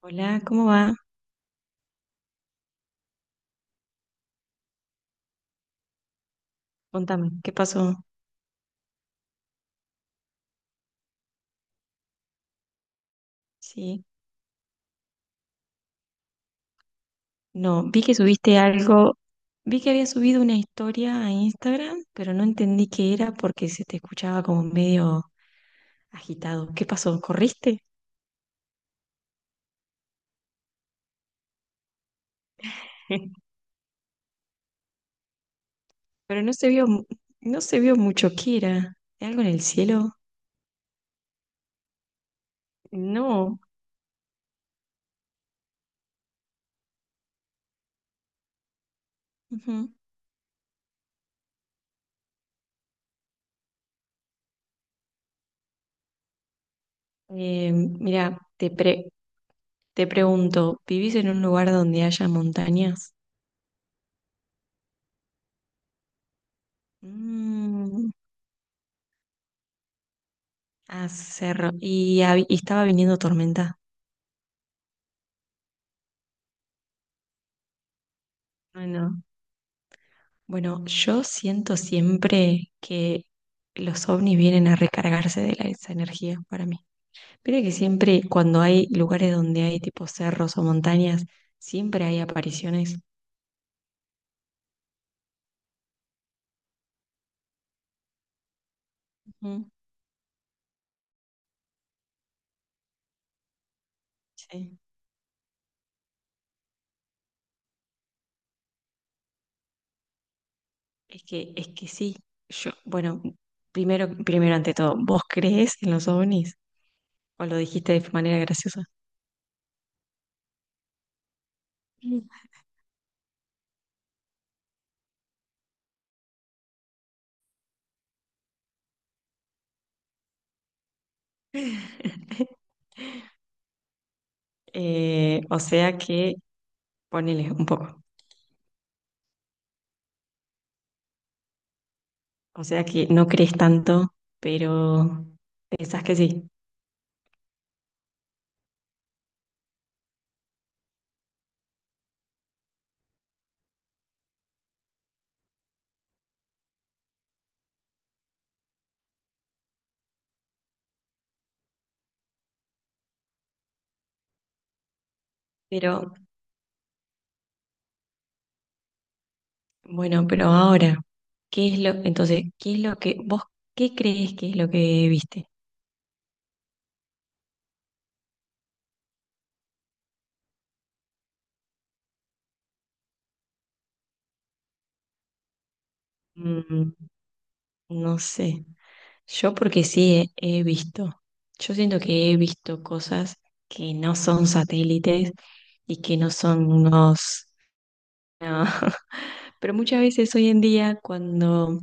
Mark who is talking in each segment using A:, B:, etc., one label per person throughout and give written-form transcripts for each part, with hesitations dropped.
A: Hola, ¿cómo va? Contame, ¿qué pasó? Sí, no, vi que subiste algo, vi que había subido una historia a Instagram, pero no entendí qué era porque se te escuchaba como medio agitado. ¿Qué pasó? ¿Corriste? Pero no se vio, no se vio mucho qué era. ¿Algo en el cielo? No. Ujú. Mira, te pregunto, ¿vivís en un lugar donde haya montañas? Mm, ah, cerro. ¿Y, y estaba viniendo tormenta? Ay, no. Bueno, yo siento siempre que los ovnis vienen a recargarse de esa energía para mí. Pero que siempre cuando hay lugares donde hay tipo cerros o montañas, siempre hay apariciones. Ujú. Sí. Es que, sí. Yo, bueno, primero, ante todo, ¿vos crees en los ovnis? ¿O lo dijiste de manera graciosa? Mm. O sea que ponele un poco. O sea que no crees tanto, pero pensás que sí. Pero bueno, pero ahora, ¿qué es lo, entonces, qué es lo que vos, qué crees que es lo que viste? Mm, no sé. Yo porque sí he visto. Yo siento que he visto cosas que no son satélites y que no son unos... no. Pero muchas veces hoy en día cuando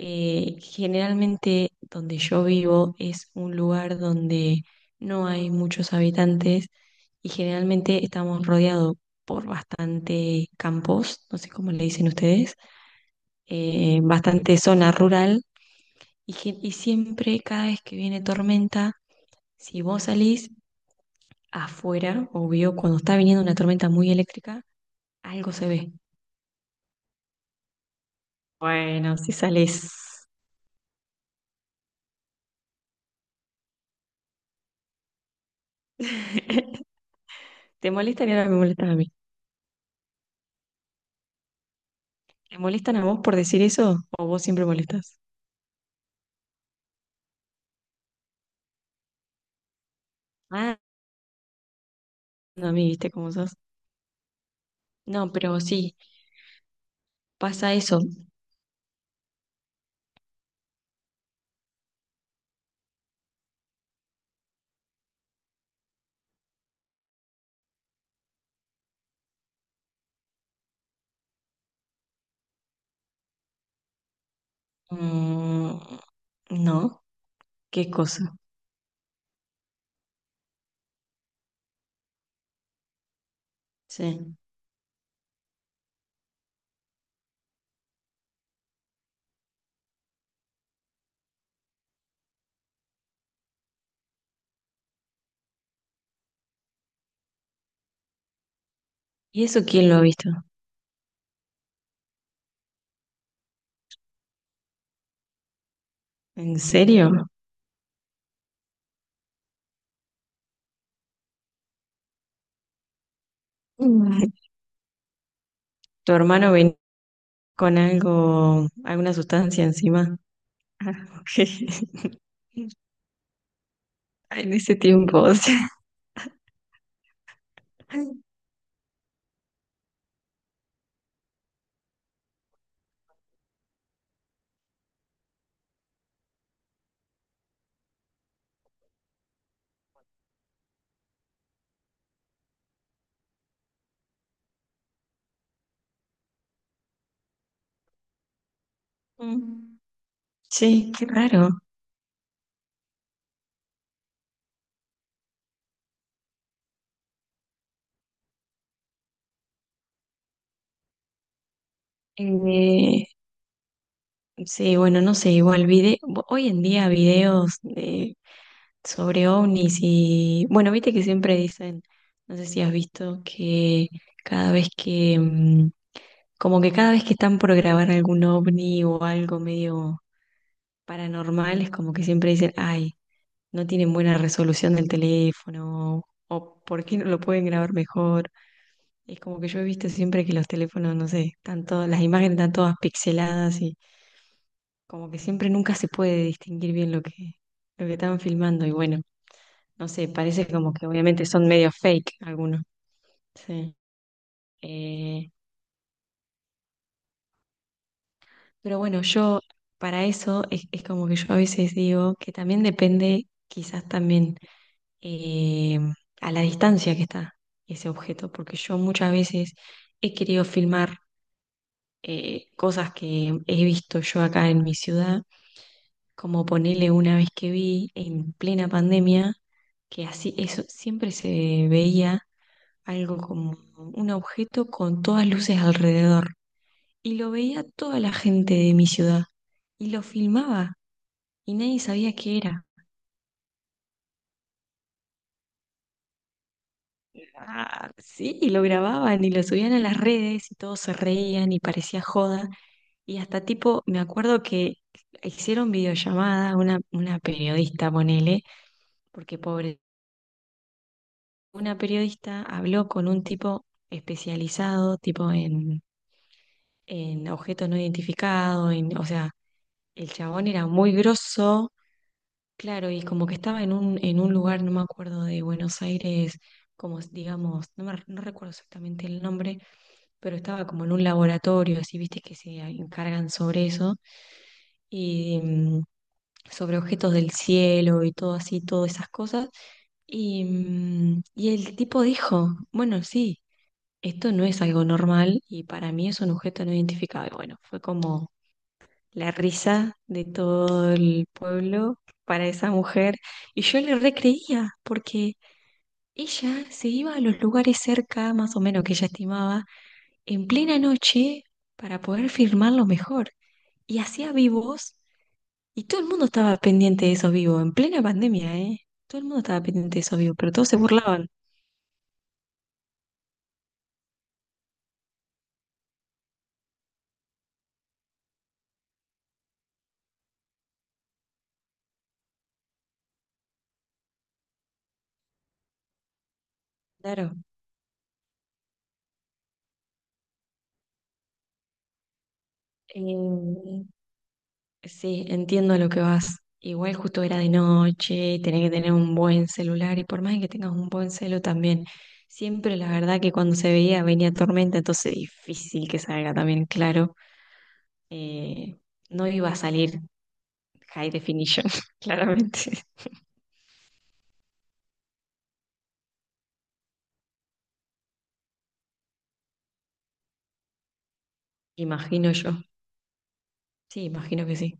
A: Eh, generalmente donde yo vivo es un lugar donde no hay muchos habitantes y generalmente estamos rodeados por bastante campos, no sé cómo le dicen ustedes, bastante zona rural y, y siempre cada vez que viene tormenta, si vos salís afuera, obvio, cuando está viniendo una tormenta muy eléctrica, algo se ve. Bueno, si salís... ¿Te molestan y ahora me molestan a mí? ¿Te molestan a vos por decir eso? ¿O vos siempre molestas? Ah, no, a mí, viste cómo sos. No, pero sí, pasa eso. Mm, no, qué cosa. Sí. ¿Y eso quién lo ha visto? ¿En serio? Mm. ¿Tu hermano venía con algo, alguna sustancia encima? Ah, ok. En ese tiempo, o sea. Mm. Sí, qué raro. Eh, sí, bueno, no sé, hoy en día videos de sobre ovnis y bueno, viste que siempre dicen, no sé si has visto que cada vez que, mm, como que cada vez que están por grabar algún ovni o algo medio paranormal, es como que siempre dicen, ay, no tienen buena resolución del teléfono o por qué no lo pueden grabar mejor. Es como que yo he visto siempre que los teléfonos, no sé, están todas, las imágenes están todas pixeladas y como que siempre nunca se puede distinguir bien lo que están filmando y bueno. No sé, parece como que obviamente son medio fake algunos. Sí. Eh, pero bueno, yo para eso es como que yo a veces digo que también depende quizás también eh, a la distancia que está ese objeto, porque yo muchas veces he querido filmar cosas que he visto yo acá en mi ciudad, como ponerle una vez que vi en plena pandemia, que así eso siempre se veía algo como un objeto con todas luces alrededor. Y lo veía toda la gente de mi ciudad. Y lo filmaba y nadie sabía qué era. Ah, sí, y lo grababan y lo subían a las redes y todos se reían y parecía joda. Y hasta tipo, me acuerdo que hicieron videollamada, una periodista, ponele, porque pobre, una periodista habló con un tipo especializado, tipo en objetos no identificados, en, o sea, el chabón era muy grosso, claro, y como que estaba en un lugar, no me acuerdo, de Buenos Aires, digamos, no, me, no recuerdo exactamente el nombre, pero estaba como en un laboratorio, así, viste, que se encargan sobre eso, y mm, sobre objetos del cielo y todo así, todas esas cosas. Y, mm, y el tipo dijo, bueno, sí, esto no es algo normal y para mí es un objeto no identificado. Y bueno, fue como la risa de todo el pueblo para esa mujer. Y yo le recreía, porque ella se iba a los lugares cerca, más o menos que ella estimaba, en plena noche para poder firmarlo mejor. Y hacía vivos, y todo el mundo estaba pendiente de esos vivos, en plena pandemia, ¿eh? Todo el mundo estaba pendiente de esos vivos, pero todos se burlaban. Claro. Eh, sí, entiendo a lo que vas. Igual justo era de noche, tenés que tener un buen celular y por más que tengas un buen celu también, siempre la verdad que cuando se veía venía tormenta, entonces difícil que salga también, claro. Eh, no iba a salir high definition, claramente. Imagino yo. Sí, imagino que sí.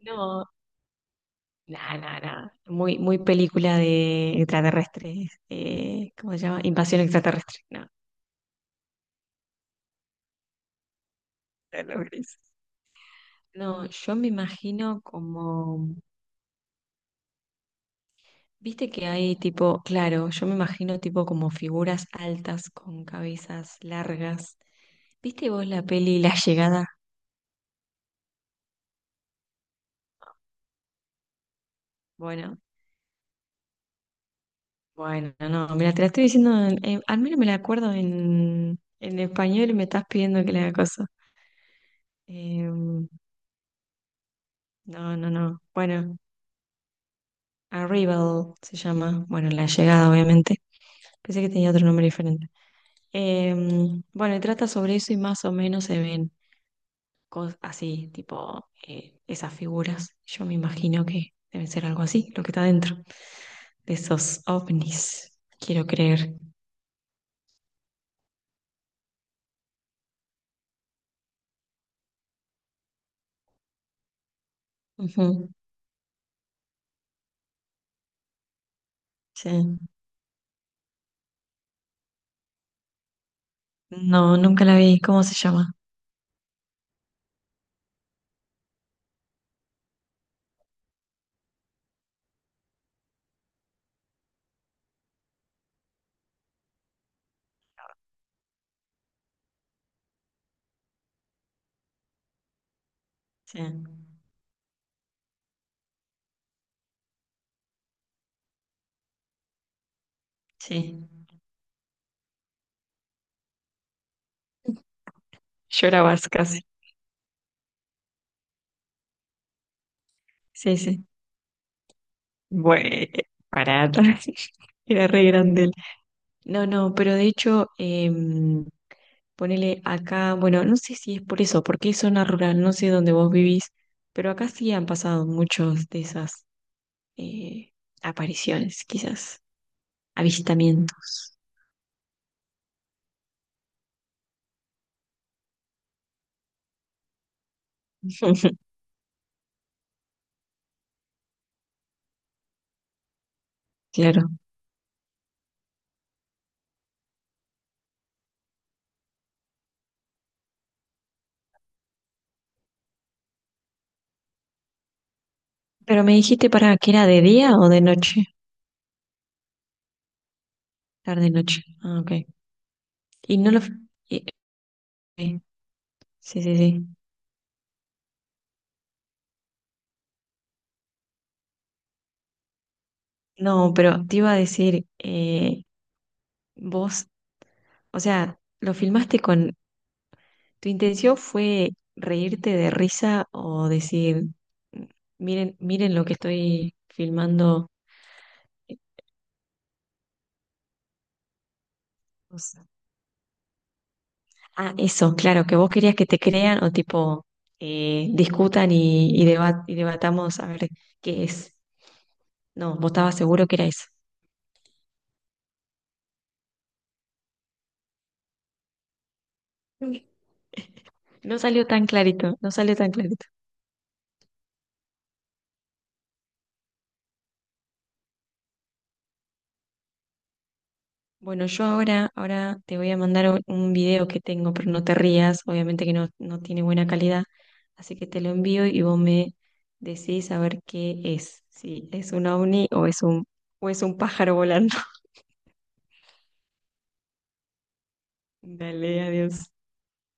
A: No, nada, nada, nada. Muy, muy película de extraterrestres. ¿Cómo se llama? Invasión extraterrestre. No, de los grises. No, yo me imagino como, viste que hay tipo, claro, yo me imagino tipo como figuras altas con cabezas largas. ¿Viste vos la peli La Llegada? Bueno, bueno, no, mira, te la estoy diciendo, al menos me la acuerdo en español y me estás pidiendo que la haga cosa. Em, no. Bueno, Arrival se llama, bueno, La Llegada, obviamente. Pensé que tenía otro nombre diferente. Em, bueno, y trata sobre eso y más o menos se ven. Así, tipo esas figuras. Yo me imagino que deben ser algo así, lo que está dentro de esos ovnis, quiero creer. Ujú, sí. No, nunca la vi. ¿Cómo se llama? Sí, sí. Llorabas casi. Sí, sí. Bueno, parada. Era re grande él. No, no, pero de hecho, em, ponele acá, bueno, no sé si es por eso, porque es zona rural, no sé dónde vos vivís, pero acá sí han pasado muchos de esas eh, apariciones, quizás, avistamientos. Claro. Pero me dijiste para que era de día o de noche, tarde noche. Ah, ok. Y no lo. y- ok. Sí, sí, sí. No, pero te iba a decir, vos, o sea, lo filmaste con. ¿Tu intención fue reírte de risa o decir, miren, miren lo que estoy filmando? eh, O sea, ah, eso, claro, que vos querías que te crean o tipo discutan y, y debatamos a ver qué es. No, vos estabas seguro que era eso. No salió tan clarito, no salió tan clarito. Bueno, yo ahora, ahora te voy a mandar un video que tengo, pero no te rías, obviamente que no, no tiene buena calidad, así que te lo envío y vos me decís a ver qué es, si es un ovni o es un pájaro volando. Dale, adiós.